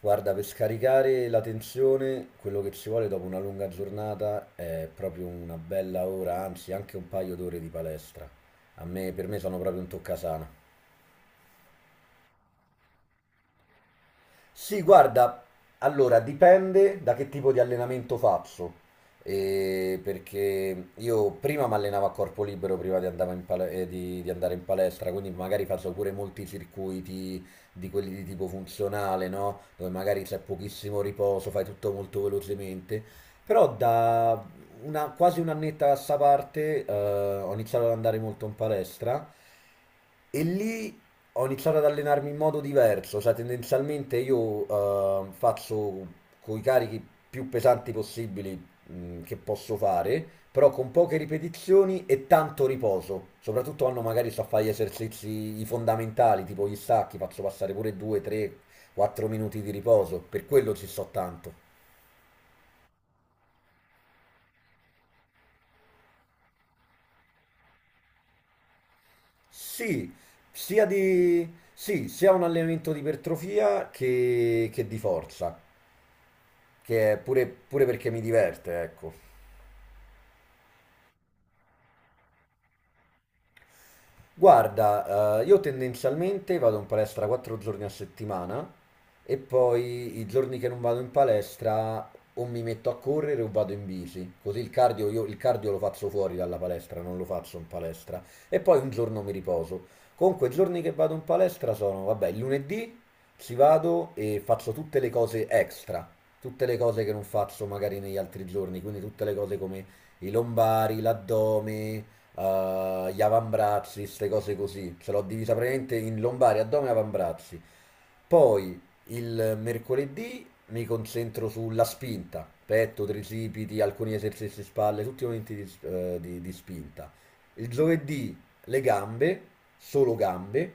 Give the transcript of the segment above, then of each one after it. Guarda, per scaricare la tensione, quello che ci vuole dopo una lunga giornata è proprio una bella ora, anzi anche un paio d'ore di palestra. A me, per me sono proprio un toccasana. Sì, guarda, allora dipende da che tipo di allenamento faccio, perché io prima mi allenavo a corpo libero prima di andare in palestra, quindi magari faccio pure molti circuiti di quelli di tipo funzionale, no? Dove magari c'è pochissimo riposo, fai tutto molto velocemente, però da quasi un'annetta a sta parte ho iniziato ad andare molto in palestra. E lì ho iniziato ad allenarmi in modo diverso, cioè tendenzialmente io faccio con i carichi più pesanti possibili che posso fare, però con poche ripetizioni e tanto riposo. Soprattutto quando magari sto a fare gli esercizi i fondamentali, tipo gli stacchi, faccio passare pure 2, 3, 4 minuti di riposo, per quello ci sto tanto. Sì, sì, sia un allenamento di ipertrofia che di forza, che è pure, pure perché mi diverte, ecco. Guarda, io tendenzialmente vado in palestra 4 giorni a settimana e poi i giorni che non vado in palestra o mi metto a correre o vado in bici, così il cardio, io, il cardio lo faccio fuori dalla palestra, non lo faccio in palestra e poi un giorno mi riposo. Comunque i giorni che vado in palestra sono, vabbè, il lunedì ci vado e faccio tutte le cose extra, tutte le cose che non faccio magari negli altri giorni, quindi tutte le cose come i lombari, l'addome, gli avambrazzi, queste cose così. Ce l'ho divisa praticamente in lombare, addome e avambrazzi. Poi il mercoledì mi concentro sulla spinta, petto, tricipiti, alcuni esercizi spalle, tutti i momenti di spinta. Il giovedì le gambe, solo gambe,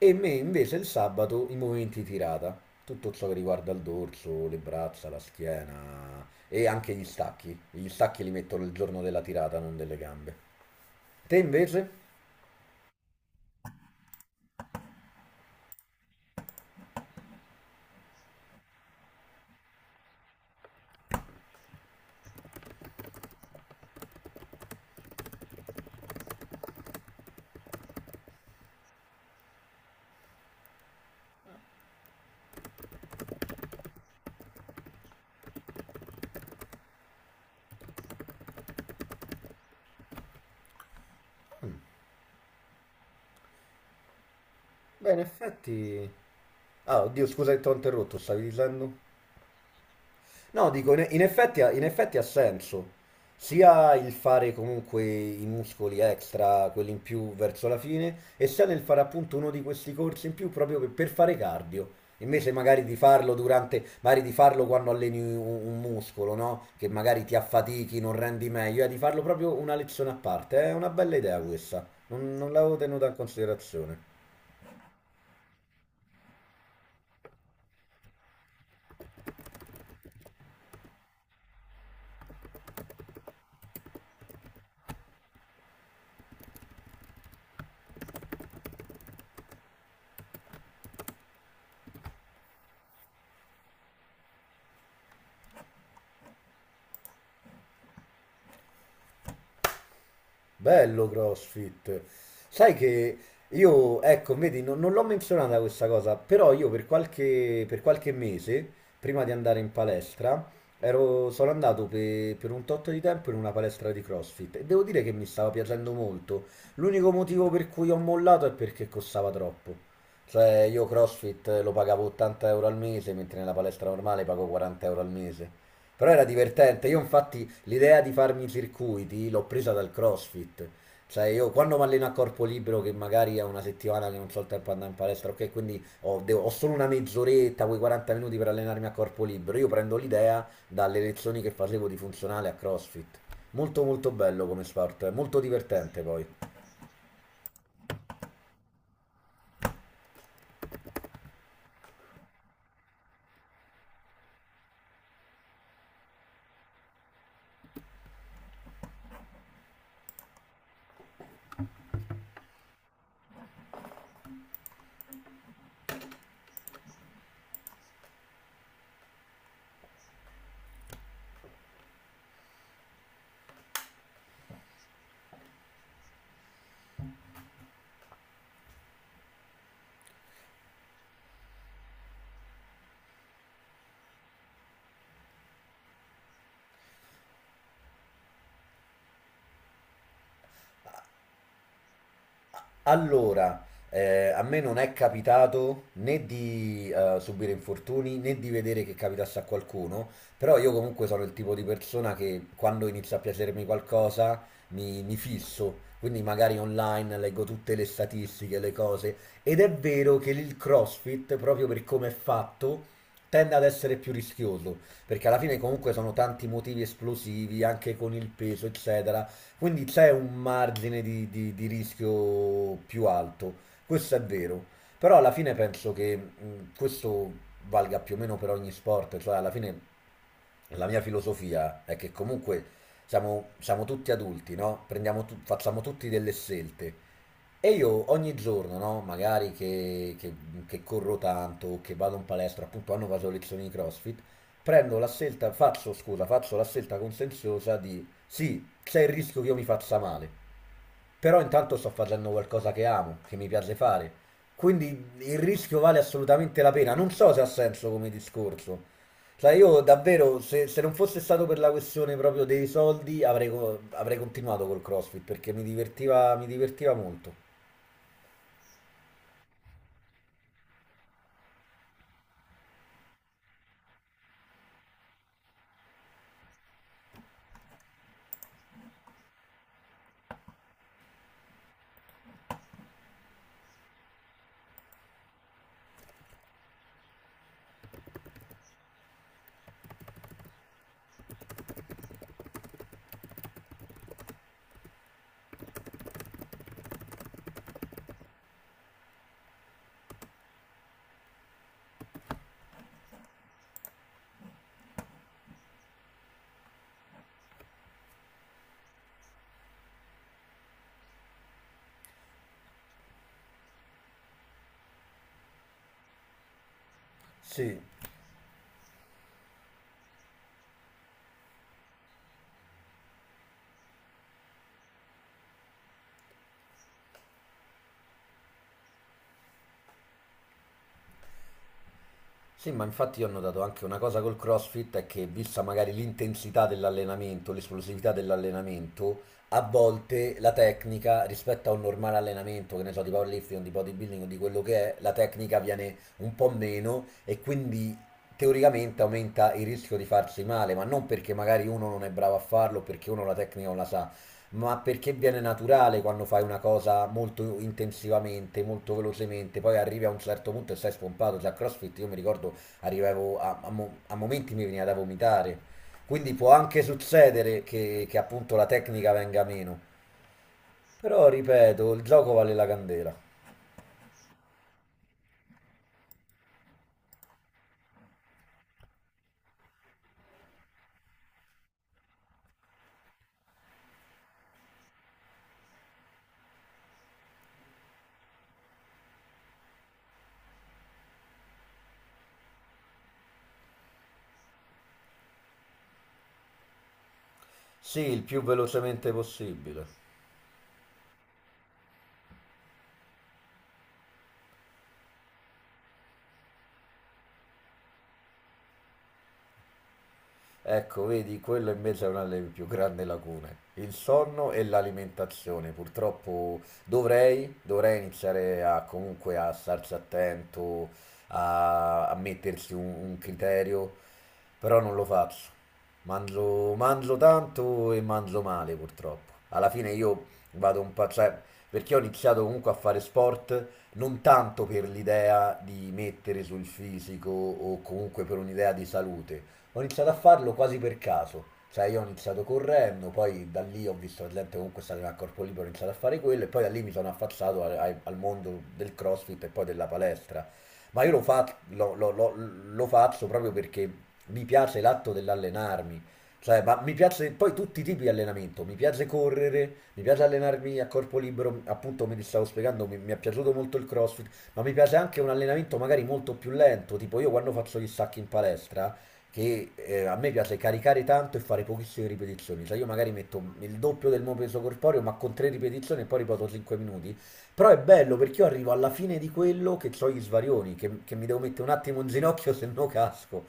e me invece il sabato i movimenti tirata, tutto ciò che riguarda il dorso, le braccia, la schiena e anche gli stacchi. Gli stacchi li metto il giorno della tirata, non delle gambe. Te invece? Beh, in effetti... Ah, oddio, scusa che ti ho interrotto, stavi dicendo? No, dico, in effetti ha senso. Sia il fare comunque i muscoli extra, quelli in più verso la fine, e sia nel fare appunto uno di questi corsi in più proprio per fare cardio. Invece magari di farlo durante, magari di farlo quando alleni un muscolo, no? Che magari ti affatichi, non rendi meglio, di farlo proprio una lezione a parte. È una bella idea questa. Non l'avevo tenuta in considerazione. Bello CrossFit. Sai che io, ecco, vedi, non l'ho menzionata questa cosa, però io per qualche mese, prima di andare in palestra, sono andato per un tot di tempo in una palestra di CrossFit e devo dire che mi stava piacendo molto. L'unico motivo per cui ho mollato è perché costava troppo. Cioè, io CrossFit lo pagavo 80 € al mese, mentre nella palestra normale pago 40 € al mese. Però era divertente. Io infatti l'idea di farmi i circuiti l'ho presa dal CrossFit. Cioè io quando mi alleno a corpo libero che magari è una settimana che non so il tempo di andare in palestra, ok, quindi ho solo una mezz'oretta, quei 40 minuti per allenarmi a corpo libero, io prendo l'idea dalle lezioni che facevo di funzionale a CrossFit. Molto molto bello come sport, è molto divertente poi. Allora, a me non è capitato né di subire infortuni né di vedere che capitasse a qualcuno, però io comunque sono il tipo di persona che quando inizia a piacermi qualcosa mi fisso, quindi magari online leggo tutte le statistiche, le cose, ed è vero che il CrossFit, proprio per come è fatto, tende ad essere più rischioso, perché alla fine comunque sono tanti motivi esplosivi, anche con il peso, eccetera quindi c'è un margine di rischio più alto, questo è vero, però alla fine penso che questo valga più o meno per ogni sport, cioè alla fine la mia filosofia è che comunque siamo tutti adulti, no? Facciamo tutti delle scelte e io ogni giorno, no, magari che corro tanto, o che vado in palestra, appunto hanno vaso lezioni di CrossFit, prendo la scelta, faccio, scusa, faccio la scelta consenziosa di sì, c'è il rischio che io mi faccia male, però intanto sto facendo qualcosa che amo, che mi piace fare, quindi il rischio vale assolutamente la pena. Non so se ha senso come discorso. Cioè io davvero, se non fosse stato per la questione proprio dei soldi, avrei continuato col CrossFit perché mi divertiva molto. Sì, sì, ma infatti io ho notato anche una cosa col CrossFit è che vista magari l'intensità dell'allenamento, l'esplosività dell'allenamento, a volte la tecnica rispetto a un normale allenamento, che ne so, di powerlifting, o di bodybuilding o di quello che è, la tecnica viene un po' meno e quindi teoricamente aumenta il rischio di farsi male, ma non perché magari uno non è bravo a farlo, perché uno la tecnica non la sa, ma perché viene naturale quando fai una cosa molto intensivamente, molto velocemente, poi arrivi a un certo punto e sei spompato, cioè a CrossFit io mi ricordo arrivavo a momenti mi veniva da vomitare, quindi può anche succedere che appunto la tecnica venga meno, però ripeto, il gioco vale la candela, sì, il più velocemente possibile. Ecco, vedi, quello invece è una delle più grandi lacune. Il sonno e l'alimentazione. Purtroppo dovrei iniziare a, comunque a starci attento, a mettersi un criterio, però non lo faccio. Mangio, mangio tanto e mangio male, purtroppo. Alla fine io vado un po', cioè, perché ho iniziato comunque a fare sport non tanto per l'idea di mettere sul fisico o comunque per un'idea di salute. Ho iniziato a farlo quasi per caso. Cioè, io ho iniziato correndo, poi da lì ho visto la gente comunque stare a corpo libero, ho iniziato a fare quello, e poi da lì mi sono affacciato al mondo del CrossFit e poi della palestra. Ma io lo, fa- lo- lo- lo- lo faccio proprio perché mi piace l'atto dell'allenarmi. Cioè, ma mi piace poi tutti i tipi di allenamento, mi piace correre, mi piace allenarmi a corpo libero, appunto come ti stavo spiegando, mi è piaciuto molto il CrossFit, ma mi piace anche un allenamento magari molto più lento, tipo io quando faccio gli stacchi in palestra, che a me piace caricare tanto e fare pochissime ripetizioni, cioè io magari metto il doppio del mio peso corporeo ma con tre ripetizioni e poi ripeto 5 minuti, però è bello perché io arrivo alla fine di quello che ho gli svarioni, che mi devo mettere un attimo in ginocchio se no casco.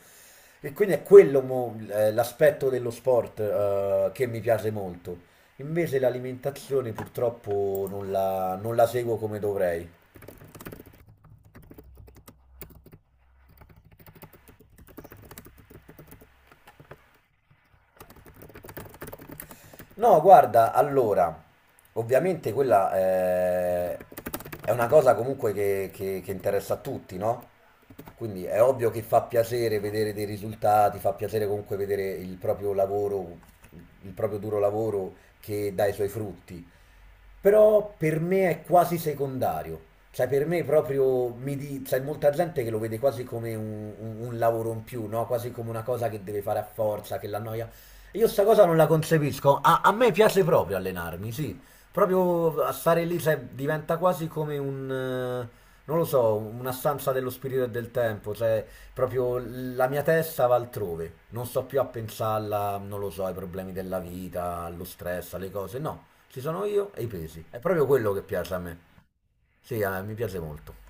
E quindi è quello l'aspetto dello sport che mi piace molto. Invece l'alimentazione purtroppo non la seguo come dovrei. No, guarda, allora, ovviamente quella è una cosa comunque che interessa a tutti, no? Quindi è ovvio che fa piacere vedere dei risultati, fa piacere comunque vedere il proprio lavoro, il proprio duro lavoro che dà i suoi frutti. Però per me è quasi secondario. Cioè, per me proprio c'è molta gente che lo vede quasi come un lavoro in più, no? Quasi come una cosa che deve fare a forza, che l'annoia. Io sta cosa non la concepisco. A me piace proprio allenarmi, sì. Proprio a stare lì, cioè, diventa quasi come non lo so, una stanza dello spirito e del tempo, cioè, proprio la mia testa va altrove. Non sto più a pensarla, non lo so, ai problemi della vita, allo stress, alle cose, no. Ci sono io e i pesi. È proprio quello che piace a me. Sì, a me mi piace molto.